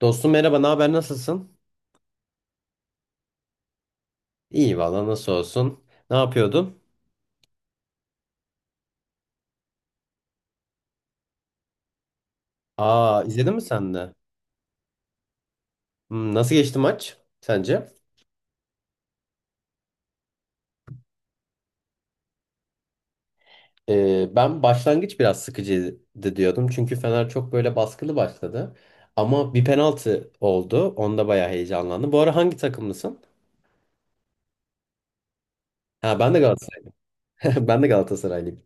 Dostum merhaba, ne haber, nasılsın? İyi valla nasıl olsun? Ne yapıyordun? Aa izledin mi sen de? Hmm, nasıl geçti maç sence? Ben başlangıç biraz sıkıcıydı diyordum. Çünkü Fener çok böyle baskılı başladı. Ama bir penaltı oldu. Onda bayağı heyecanlandım. Bu ara hangi takımlısın? Ha ben de Galatasaray. Ben de Galatasaraylıyım.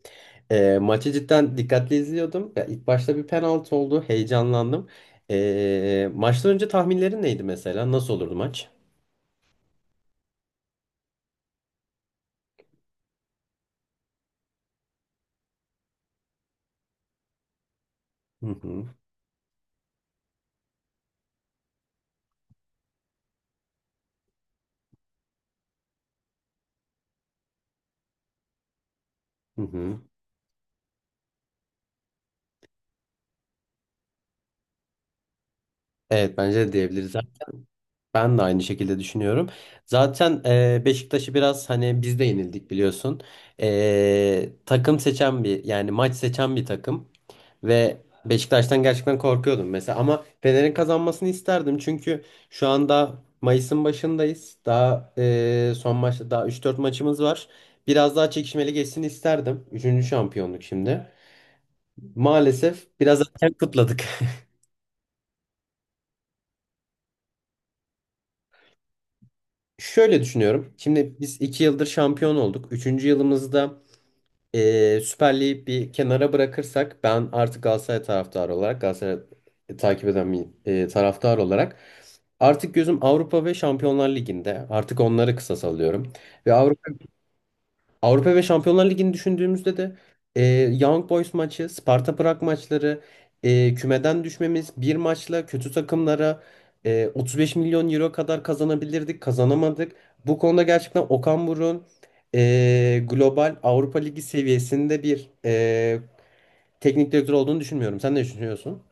Maçı cidden dikkatli izliyordum. Ya, ilk başta bir penaltı oldu. Heyecanlandım. Maçtan önce tahminlerin neydi mesela? Nasıl olurdu maç? Hı hı. Hı hı. Evet bence de diyebiliriz. Zaten ben de aynı şekilde düşünüyorum. Zaten Beşiktaş'ı biraz hani biz de yenildik biliyorsun. Takım seçen bir yani maç seçen bir takım ve Beşiktaş'tan gerçekten korkuyordum mesela, ama Fener'in kazanmasını isterdim çünkü şu anda Mayıs'ın başındayız. Daha son maçta daha üç dört maçımız var. Biraz daha çekişmeli geçsin isterdim. Üçüncü şampiyonluk şimdi. Maalesef biraz erken kutladık. Şöyle düşünüyorum. Şimdi biz iki yıldır şampiyon olduk. Üçüncü yılımızda Süper Lig'i bir kenara bırakırsak ben artık Galatasaray taraftarı olarak Galatasaray takip eden bir taraftar olarak artık gözüm Avrupa ve Şampiyonlar Ligi'nde. Artık onları kısa salıyorum. Ve Avrupa ve Şampiyonlar Ligi'ni düşündüğümüzde de e, Young Boys maçı, Sparta Prag maçları, kümeden düşmemiz, bir maçla kötü takımlara 35 milyon euro kadar kazanabilirdik, kazanamadık. Bu konuda gerçekten Okan Buruk'un global Avrupa Ligi seviyesinde bir teknik direktör olduğunu düşünmüyorum. Sen ne düşünüyorsun?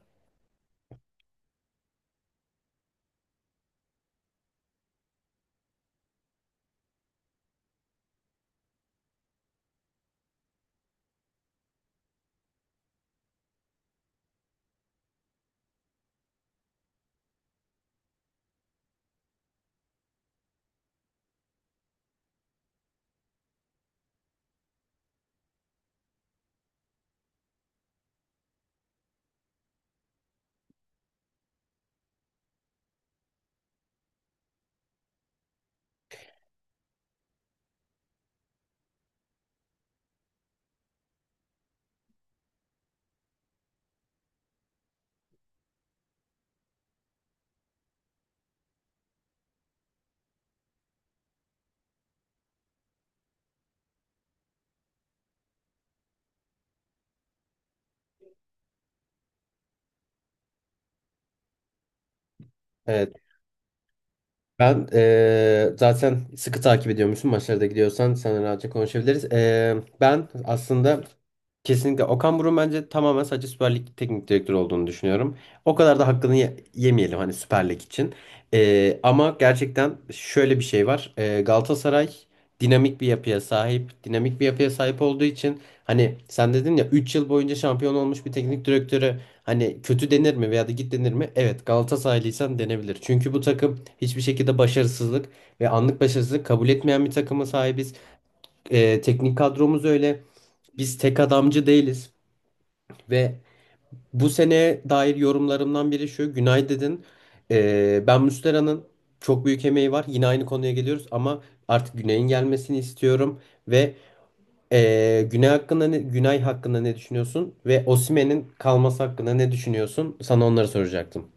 Evet. Ben zaten sıkı takip ediyormuşum, maçlara da gidiyorsan sana rahatça konuşabiliriz. Ben aslında kesinlikle Okan Buruk'un bence tamamen sadece Süper Lig teknik direktörü olduğunu düşünüyorum. O kadar da hakkını yemeyelim hani, Süper Lig için. Ama gerçekten şöyle bir şey var. Galatasaray dinamik bir yapıya sahip. Dinamik bir yapıya sahip olduğu için, hani sen dedin ya, 3 yıl boyunca şampiyon olmuş bir teknik direktörü hani kötü denir mi veya da git denir mi? Evet, Galatasaraylıysan denebilir. Çünkü bu takım hiçbir şekilde başarısızlık ve anlık başarısızlık kabul etmeyen bir takıma sahibiz. Teknik kadromuz öyle. Biz tek adamcı değiliz. Ve bu seneye dair yorumlarımdan biri şu. Günay dedin. Ben Muslera'nın çok büyük emeği var. Yine aynı konuya geliyoruz ama artık Günay'ın gelmesini istiyorum. Ve Günay hakkında ne düşünüyorsun? Ve Osimhen'in kalması hakkında ne düşünüyorsun? Sana onları soracaktım.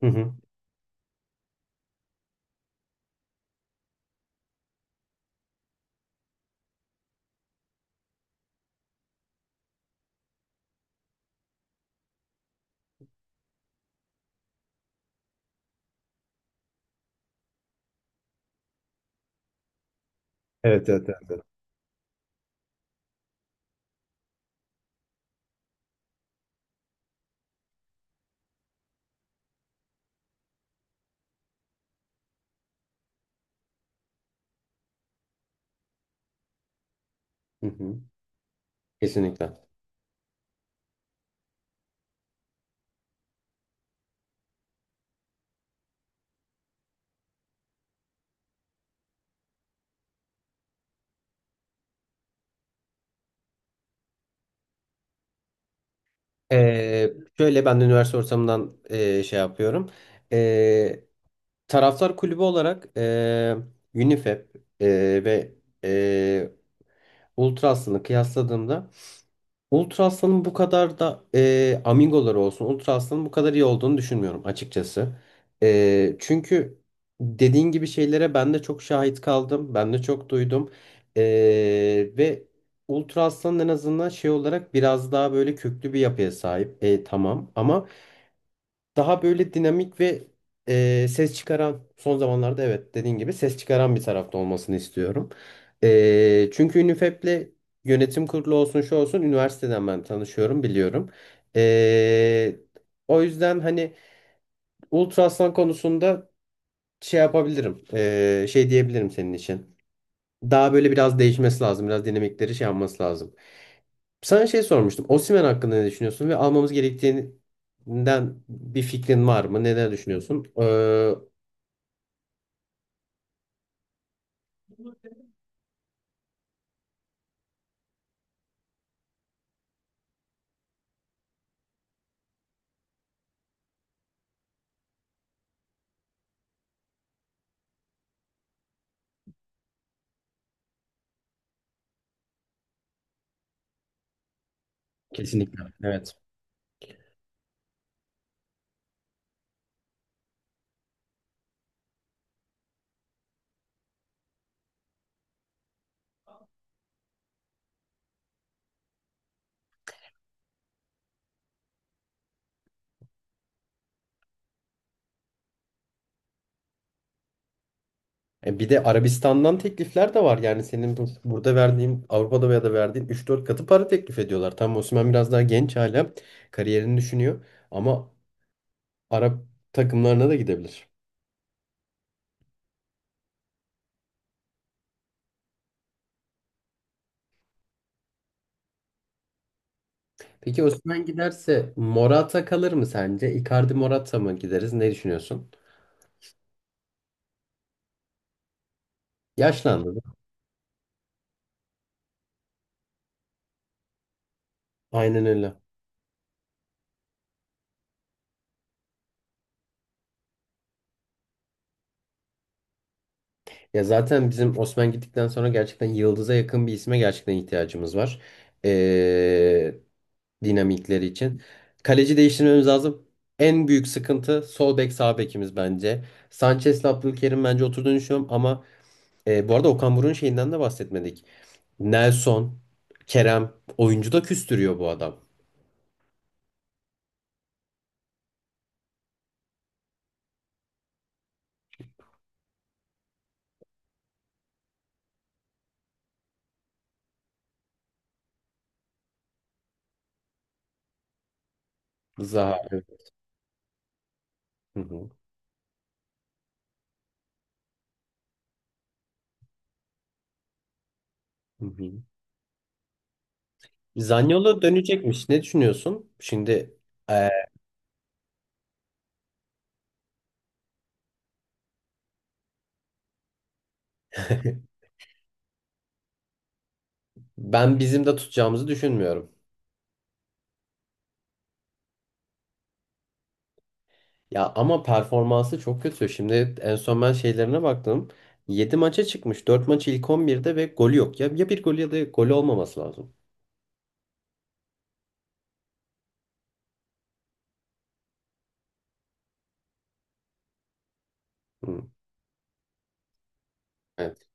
Hı hı. Evet, evet, evet. Evet. Hı hı. Kesinlikle. Ee, Şöyle, ben de üniversite ortamından şey yapıyorum. Ee, Taraftar kulübü olarak, UNIFEP ve e, Ultra Aslı'nı kıyasladığımda, Ultra Aslan'ın bu kadar da amigoları olsun, Ultra Aslan'ın bu kadar iyi olduğunu düşünmüyorum açıkçası. Çünkü dediğin gibi şeylere ben de çok şahit kaldım. Ben de çok duydum. E, Ve Ultra Aslan en azından şey olarak biraz daha böyle köklü bir yapıya sahip. Tamam ama daha böyle dinamik ve ses çıkaran, son zamanlarda evet dediğin gibi ses çıkaran bir tarafta olmasını istiyorum. Çünkü Ünifep'le yönetim kurulu olsun şu olsun, üniversiteden ben tanışıyorum, biliyorum. E, O yüzden hani Ultra konusunda şey yapabilirim, şey diyebilirim senin için. Daha böyle biraz değişmesi lazım, biraz dinamikleri şey yapması lazım. Sana şey sormuştum. Osimhen hakkında ne düşünüyorsun ve almamız gerektiğinden bir fikrin var mı? Neler düşünüyorsun? Evet. Bir de Arabistan'dan teklifler de var. Yani senin burada verdiğin, Avrupa'da veya da verdiğin üç dört katı para teklif ediyorlar. Tam Osimhen biraz daha genç hala. Kariyerini düşünüyor. Ama Arap takımlarına da gidebilir. Peki Osimhen giderse Morata kalır mı sence? Icardi Morata mı gideriz? Ne düşünüyorsun? Yaşlandı. Aynen öyle. Ya zaten bizim Osman gittikten sonra gerçekten yıldıza yakın bir isme gerçekten ihtiyacımız var. Ee, Dinamikleri için. Kaleci değiştirmemiz lazım. En büyük sıkıntı sol bek sağ bekimiz bence. Sanchez'le Abdülkerim bence oturduğunu düşünüyorum ama bu arada Okan Buruk'un şeyinden de bahsetmedik. Nelson, Kerem, oyuncu da küstürüyor bu adam. Zaha. Evet. Hı hı, hı hı. Zaniolo dönecekmiş. Ne düşünüyorsun? Şimdi e, ben bizim de tutacağımızı düşünmüyorum. Ya ama performansı çok kötü. Şimdi en son ben şeylerine baktım. 7 maça çıkmış. Dört maç ilk 11'de ve golü yok. Ya, ya bir gol ya da golü olmaması lazım. Hı. Evet.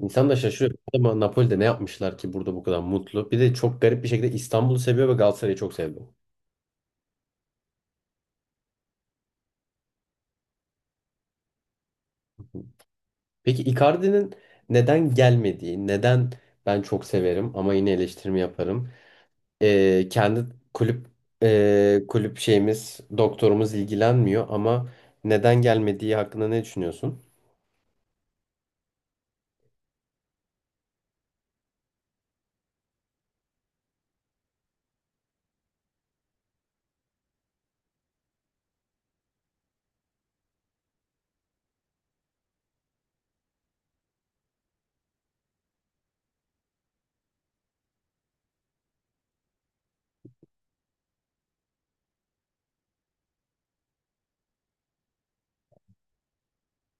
İnsan da şaşırıyor. Ama Napoli'de ne yapmışlar ki burada bu kadar mutlu? Bir de çok garip bir şekilde İstanbul'u seviyor ve Galatasaray'ı çok seviyor. Peki Icardi'nin neden gelmediği, neden, ben çok severim ama yine eleştirimi yaparım. Kendi kulüp kulüp şeyimiz, doktorumuz ilgilenmiyor, ama neden gelmediği hakkında ne düşünüyorsun?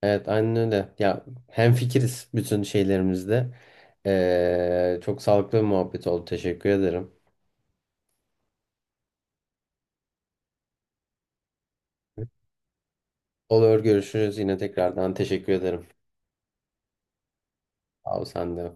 Evet aynen öyle. Ya hemfikiriz bütün şeylerimizde. Çok sağlıklı bir muhabbet oldu. Teşekkür ederim. Olur, görüşürüz yine tekrardan. Teşekkür ederim. Abi sen de.